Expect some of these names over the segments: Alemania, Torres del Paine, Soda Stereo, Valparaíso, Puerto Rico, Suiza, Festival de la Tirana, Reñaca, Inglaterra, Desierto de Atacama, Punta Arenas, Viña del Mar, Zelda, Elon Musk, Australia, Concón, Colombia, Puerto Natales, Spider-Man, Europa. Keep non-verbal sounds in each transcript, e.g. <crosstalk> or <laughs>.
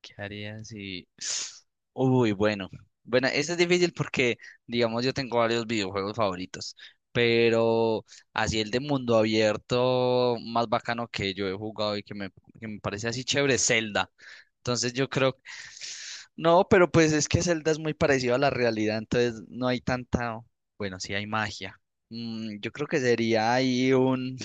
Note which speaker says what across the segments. Speaker 1: ¿Qué haría si... bueno. Bueno, este es difícil porque, digamos, yo tengo varios videojuegos favoritos, pero así el de mundo abierto más bacano que yo he jugado y que me parece así chévere, Zelda. Entonces yo creo, no, pero pues es que Zelda es muy parecido a la realidad, entonces no hay tanta, bueno, sí hay magia. Yo creo que sería ahí un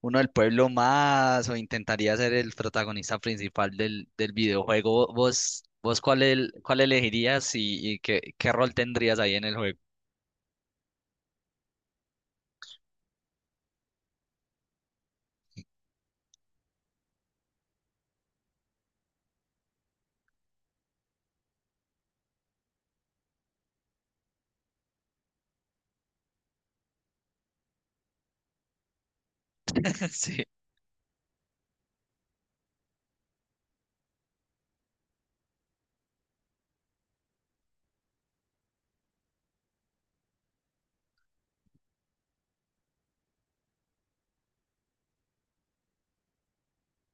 Speaker 1: uno del pueblo, más o intentaría ser el protagonista principal del videojuego. ¿Vos cuál, cuál elegirías y qué rol tendrías ahí en el juego? <laughs> Sí,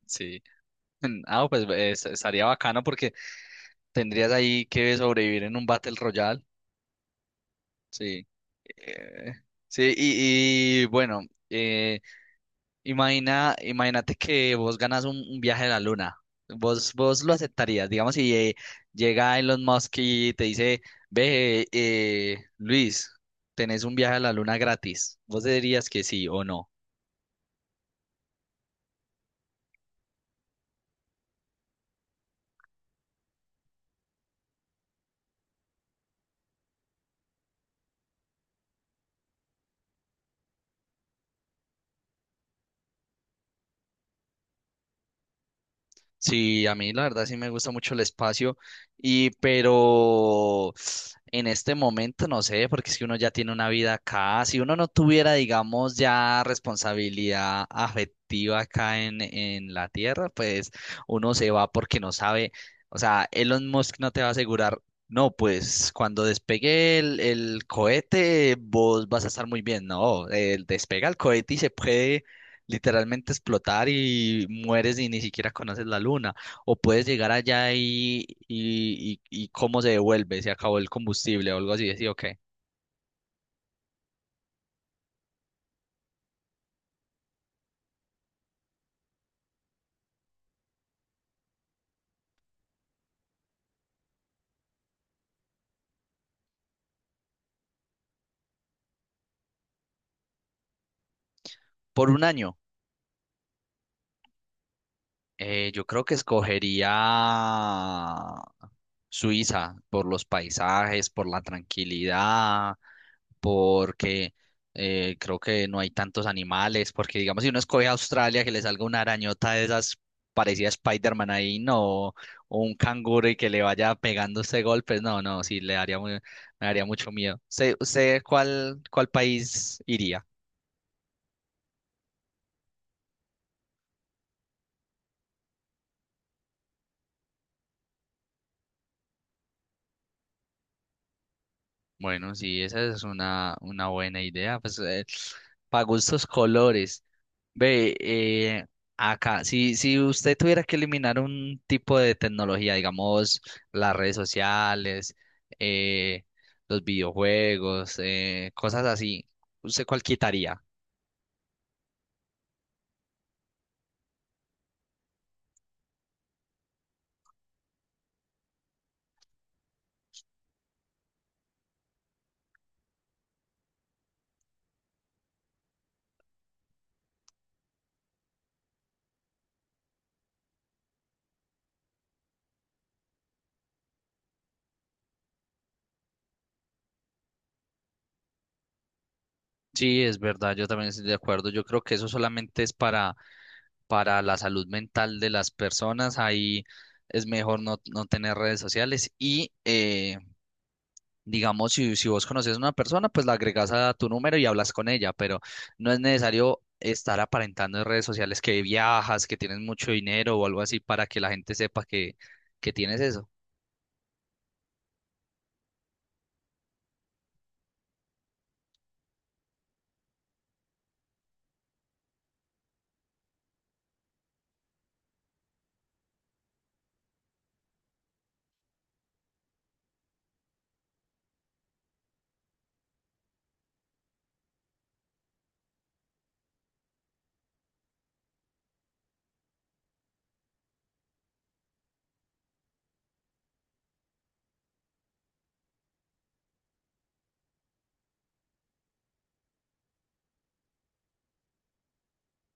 Speaker 1: sí. Ah, pues es- estaría bacano porque tendrías ahí que sobrevivir en un Battle Royale. Sí. Eh, sí, y bueno. eh, Imagínate que vos ganas un viaje a la luna. Vos lo aceptarías, digamos, si llega Elon Musk y te dice, ve, Luis, tenés un viaje a la luna gratis. ¿Vos dirías que sí o no? Sí, a mí la verdad sí me gusta mucho el espacio y pero en este momento no sé, porque es que uno ya tiene una vida acá. Si uno no tuviera, digamos, ya responsabilidad afectiva acá en la tierra, pues uno se va porque no sabe, o sea, Elon Musk no te va a asegurar, no, pues cuando despegue el cohete vos vas a estar muy bien, no, él despega el cohete y se puede literalmente explotar y mueres y ni siquiera conoces la luna. O puedes llegar allá y cómo se devuelve, se acabó el combustible o algo así. Sí, ok. Por un año, yo creo que escogería Suiza, por los paisajes, por la tranquilidad, porque creo que no hay tantos animales, porque digamos, si uno escoge a Australia, que le salga una arañota de esas parecida a Spider-Man ahí, no, o un canguro y que le vaya pegando este golpe, no, no, sí, le daría, mu- me daría mucho miedo. ¿Usted cuál, cuál país iría? Bueno, sí, esa es una buena idea. Pues para gustos colores. Ve, acá, si usted tuviera que eliminar un tipo de tecnología, digamos, las redes sociales, eh, los videojuegos, cosas así, ¿usted cuál quitaría? Sí, es verdad, yo también estoy de acuerdo. Yo creo que eso solamente es para la salud mental de las personas. Ahí es mejor no, no tener redes sociales y digamos, si vos conoces a una persona, pues la agregas a tu número y hablas con ella, pero no es necesario estar aparentando en redes sociales que viajas, que tienes mucho dinero o algo así para que la gente sepa que tienes eso.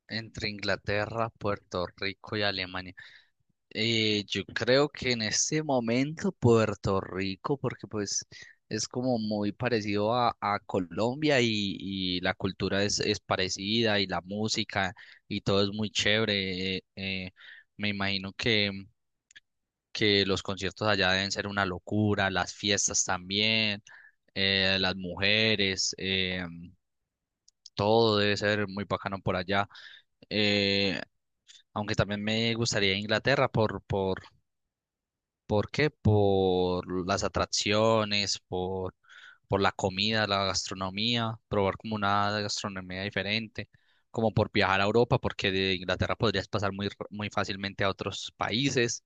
Speaker 1: Entre Inglaterra, Puerto Rico y Alemania. Yo creo que en este momento Puerto Rico, porque pues es como muy parecido a Colombia y la cultura es parecida y la música y todo es muy chévere. Me imagino que los conciertos allá deben ser una locura, las fiestas también, las mujeres, todo debe ser muy bacano por allá. Eh, Aunque también me gustaría Inglaterra ¿por qué? Por las atracciones, por la comida, la gastronomía, probar como una gastronomía diferente, como por viajar a Europa, porque de Inglaterra podrías pasar muy, r- muy fácilmente a otros países.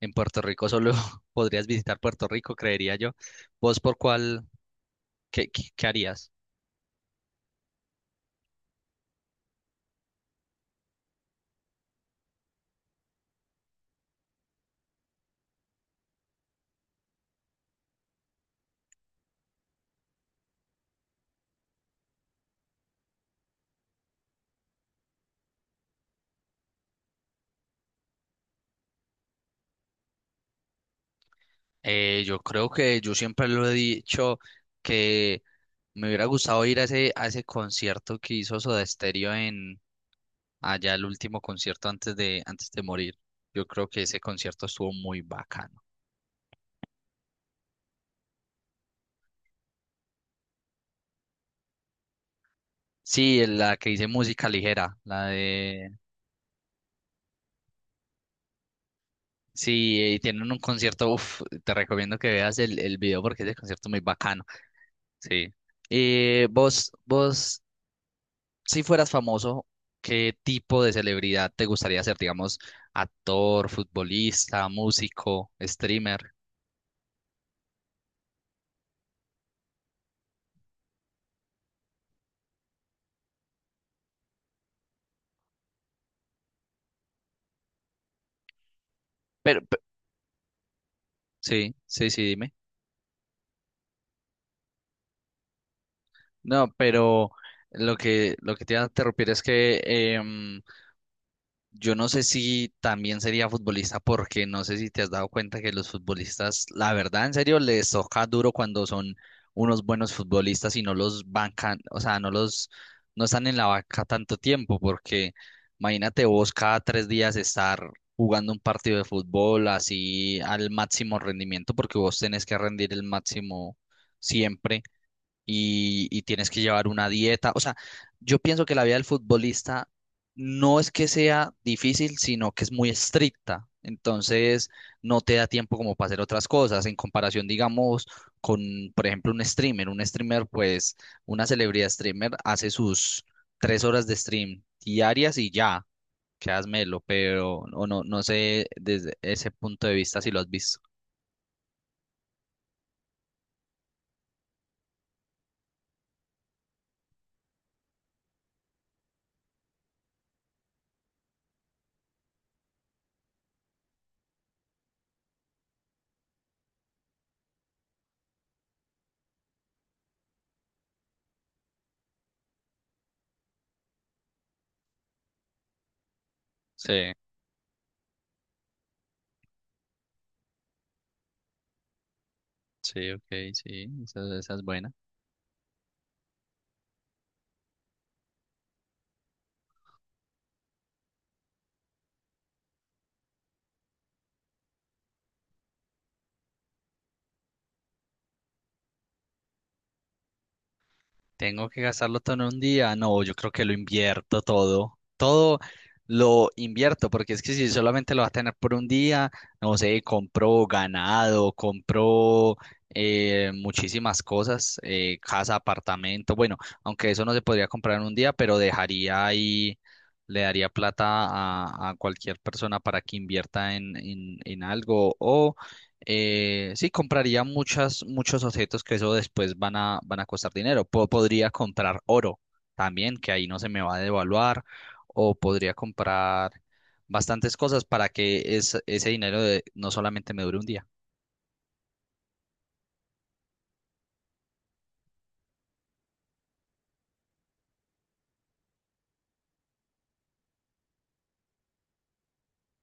Speaker 1: En Puerto Rico solo <laughs> podrías visitar Puerto Rico, creería yo. ¿Vos por cuál, qué harías? Yo creo que yo siempre lo he dicho que me hubiera gustado ir a ese concierto que hizo Soda Stereo en allá, el último concierto antes de morir. Yo creo que ese concierto estuvo muy bacano. Sí, la que dice música ligera, la de... Sí, tienen un concierto, uf, te recomiendo que veas el video porque ese concierto es muy bacano. Sí. Eh, vos, vos, si fueras famoso, ¿qué tipo de celebridad te gustaría ser? Digamos, actor, futbolista, músico, streamer. Pero, pe- sí, sí, sí, dime. No, pero lo que te iba a interrumpir es que yo no sé si también sería futbolista, porque no sé si te has dado cuenta que los futbolistas, la verdad, en serio, les toca duro cuando son unos buenos futbolistas y no los bancan, o sea, no los, no están en la banca tanto tiempo, porque imagínate vos cada 3 días estar jugando un partido de fútbol así al máximo rendimiento, porque vos tenés que rendir el máximo siempre y tienes que llevar una dieta. O sea, yo pienso que la vida del futbolista no es que sea difícil, sino que es muy estricta. Entonces, no te da tiempo como para hacer otras cosas. En comparación, digamos, con, por ejemplo, un streamer. Un streamer, pues, una celebridad streamer hace sus 3 horas de stream diarias y ya, quedas melo, pero o no, no sé desde ese punto de vista si lo has visto. Sí, sí, ok, sí, esa es buena. Tengo que gastarlo todo en un día. No, yo creo que lo invierto todo. Todo lo invierto, porque es que si solamente lo vas a tener por un día, no sé, compro ganado, compro muchísimas cosas, casa, apartamento. Bueno, aunque eso no se podría comprar en un día, pero dejaría ahí, le daría plata a cualquier persona para que invierta en algo o sí, compraría muchas, muchos objetos que eso después van a, van a costar dinero. Po- podría comprar oro también, que ahí no se me va a devaluar, o podría comprar bastantes cosas para que es- ese dinero de- no solamente me dure un día.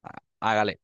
Speaker 1: Ah, hágale.